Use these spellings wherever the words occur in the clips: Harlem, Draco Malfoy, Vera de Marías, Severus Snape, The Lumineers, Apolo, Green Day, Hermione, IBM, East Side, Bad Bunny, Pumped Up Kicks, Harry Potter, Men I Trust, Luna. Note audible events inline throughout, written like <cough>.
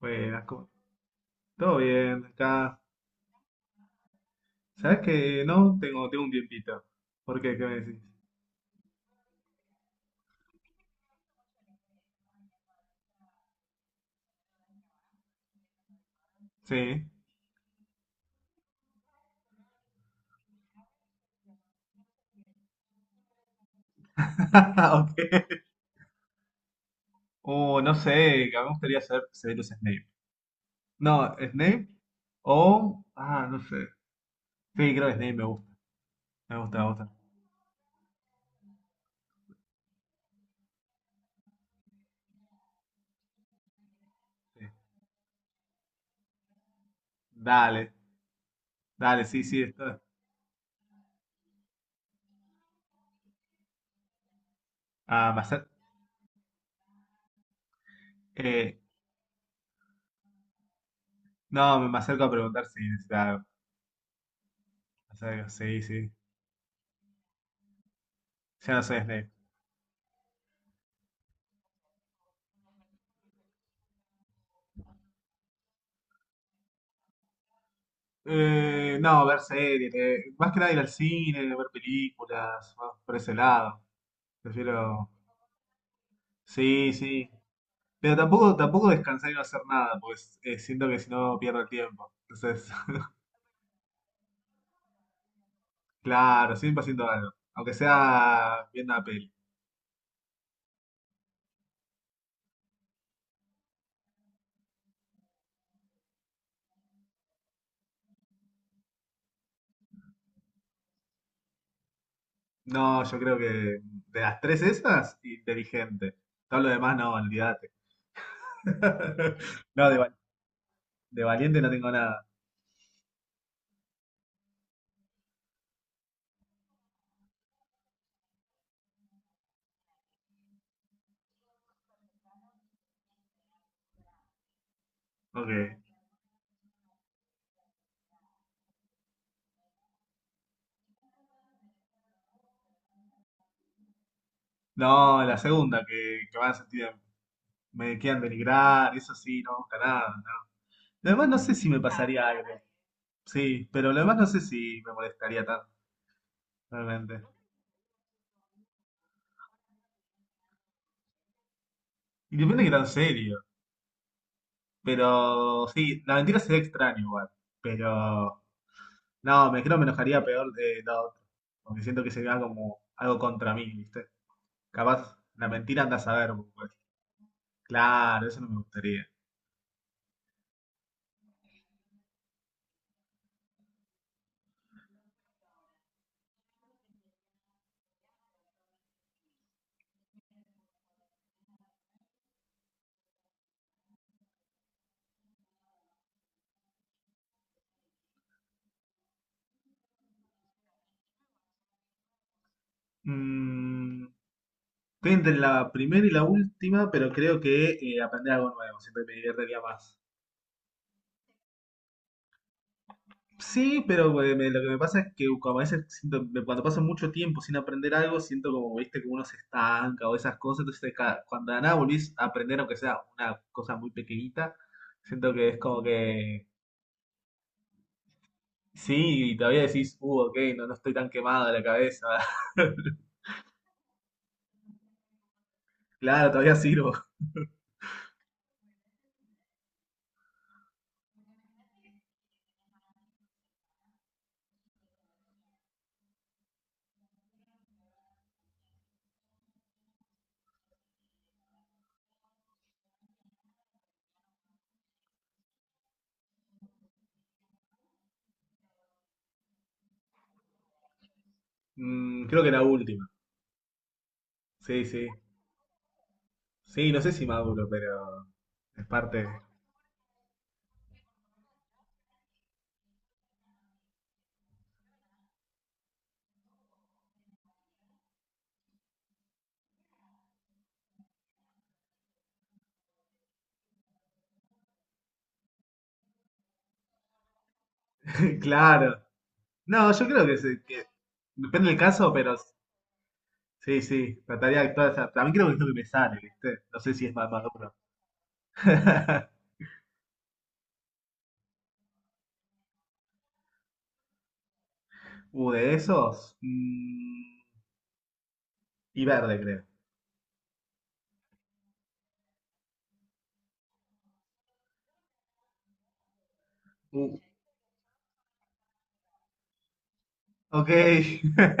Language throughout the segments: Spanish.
Buenas, ¿cómo- ¿todo bien? Acá. ¿Sabes que no? Tengo un tiempito. ¿Por qué? ¿Qué me decís? Sí. <laughs> Ok. No sé, que a mí me gustaría ser Severus Snape. No, Snape o... Ah, no sé. Sí, creo que Snape me gusta. Me gusta, me gusta. Sí. Dale, dale, sí, sí. Esto... Ah, me acer- eh, no, me acerco a preguntar si necesitas algo. Me acerco, sí, sí. Ya no soy Snape. No, ver series, más que nada ir al cine, ver películas, más por ese lado. Prefiero. Sí, sí. Pero tampoco descansar y no hacer nada, pues siento que si no pierdo el tiempo. Entonces, <laughs> claro, siempre haciendo algo. Aunque sea viendo una peli. No, yo creo que, de las tres esas, inteligente. Todo lo demás no, olvídate. <laughs> No, de va- de valiente no tengo nada. Ok. No, la segunda, que van a sentir, me quieran denigrar, eso sí, no me gusta nada, no. Lo demás no sé si me ah, pasaría algo. Sí, pero lo demás no sé si me molestaría tanto. Realmente. Y depende de qué tan serio. Pero sí, la mentira sería extraño igual. Pero no, me creo me enojaría peor de la otra. Porque siento que sería como algo contra mí, ¿viste? Capaz la mentira anda a saber, pues. Claro, eso no me gustaría. Mm, estoy entre la primera y la última, pero creo que aprender algo nuevo. Siento que me divertiría más. Sí, pero me- lo que me pasa es que como a veces siento- me- cuando paso mucho tiempo sin aprender algo, siento como, viste, que uno se estanca o esas cosas, entonces ca- cuando de nada volvís a aprender, aunque sea una cosa muy pequeñita, siento que es como que, sí, y todavía decís, ok, no, no estoy tan quemado de la cabeza, <laughs> claro, todavía sirvo. Mm, creo que la última, sí, sí, sí, no sé si maduro, pero es parte, <laughs> claro. No, yo creo que, se- que depende del caso, pero sí, sí, trataría de actuar. O también creo que es lo que me sale, ¿viste? No sé si es más maduro. <laughs> De esos. Mm, y verde, creo. Uh, ok. <laughs>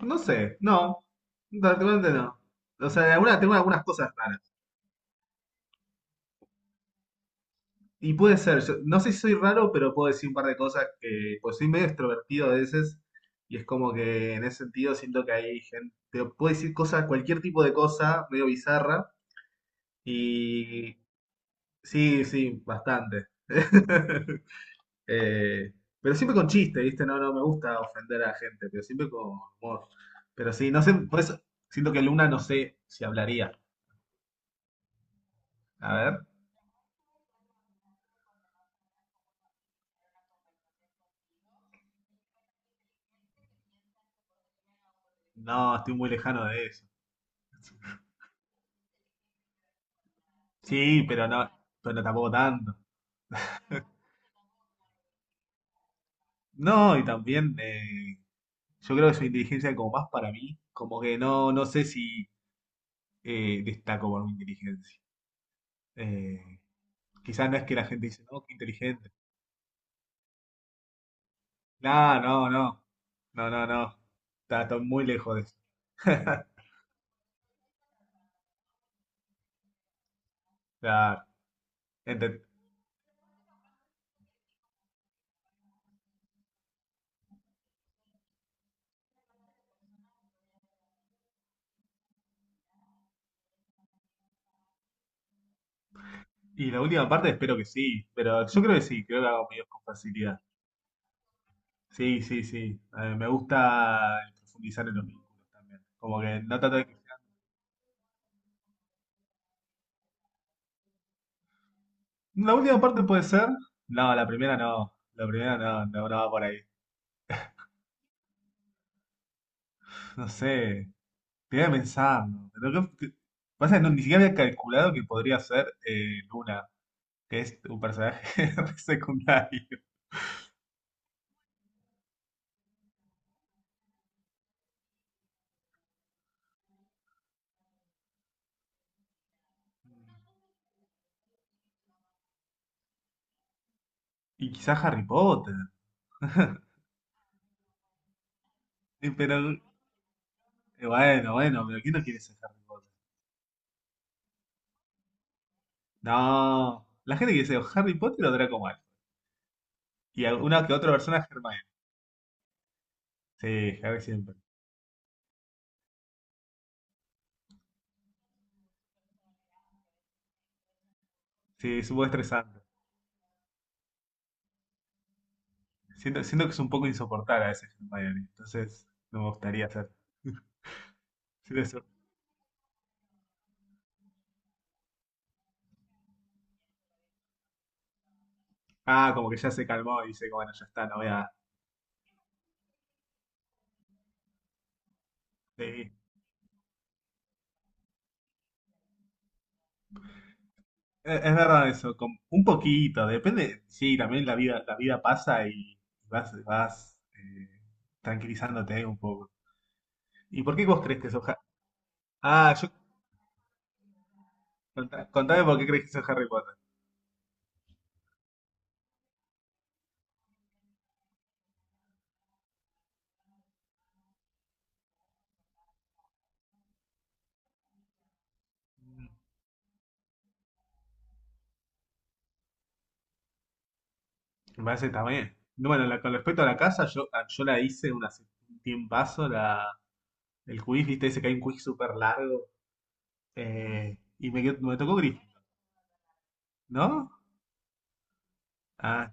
No sé, no. Realmente no. O sea, de alguna, tengo algunas cosas raras. Y puede ser, yo- no sé si soy raro, pero puedo decir un par de cosas que, pues soy medio extrovertido a veces. Y es como que en ese sentido siento que hay gente, puedo decir cosas, cualquier tipo de cosa, medio bizarra. Y sí, sí, bastante. <laughs> Eh, pero siempre con chiste, ¿viste? No, no me gusta ofender a la gente, pero siempre con humor. Pero sí, no sé, por eso siento que Luna no sé si hablaría. A ver, no, estoy muy lejano de eso. Sí, pero no, pero tampoco tanto. No, y también yo creo que su inteligencia es como más para mí, como que no, no sé si destaco por mi inteligencia. Eh, Quizás no es que la gente dice, no, qué inteligente. No, no, no, no, no, no. Está, estoy muy lejos de eso. <laughs> Claro. Ente- Y la última parte espero que sí, pero yo creo que sí, creo que hago medios con facilidad. Sí, sí, sí. Me gusta profundizar en los vínculos también. Como que no trato de que sea- La última parte puede ser. No, la primera no. La primera no, no, no va por ahí. No sé, te voy a pensar. Lo que- pasa que no, ni siquiera había calculado que podría ser Luna, que es un personaje <laughs> re secundario. Y quizás Harry Potter. <laughs> Pero bueno, bueno, pero ¿quién no quiere ser Harry Potter? No, la gente que dice o Harry Potter o Draco Malfoy. Y alguna que otra persona Hermione. Sí, Harry siempre. Sí, es un poco estresante. Siento que es un poco insoportable a veces Hermione. Entonces, no me gustaría hacer. <laughs> Siento eso. Ah, como que ya se calmó y dice, bueno, ya está, no voy a... Sí, e- es verdad eso, con un poquito, depende, sí, también la vida pasa y vas tranquilizándote un poco. ¿Y por qué vos crees que sos Harry? Ah, yo, contá- contame por qué crees que sos Harry Potter. Me parece que está bien. No, bueno, la- con respecto a la casa, yo, a- yo la hice una, hace un tiempazo, la, el quiz, viste, ese que hay un quiz súper largo. Eh, y me, quedó- me tocó gris, ¿no? Ah,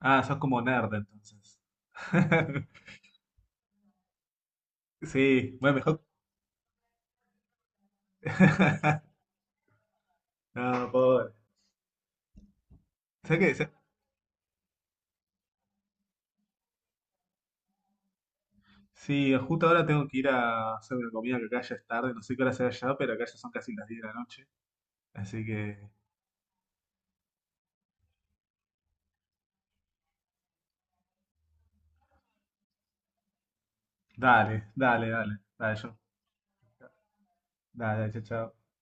ah, sos como nerd entonces. <laughs> Sí, bueno, mejor. <laughs> No, pobre. ¿Sabés qué? Sa- sí, justo ahora tengo que ir a hacer una comida que acá ya es tarde. No sé qué hora será allá, pero acá ya son casi las 10 de la noche. Así que, dale, dale, dale. Dale, yo. Dale, dale, chao, chao.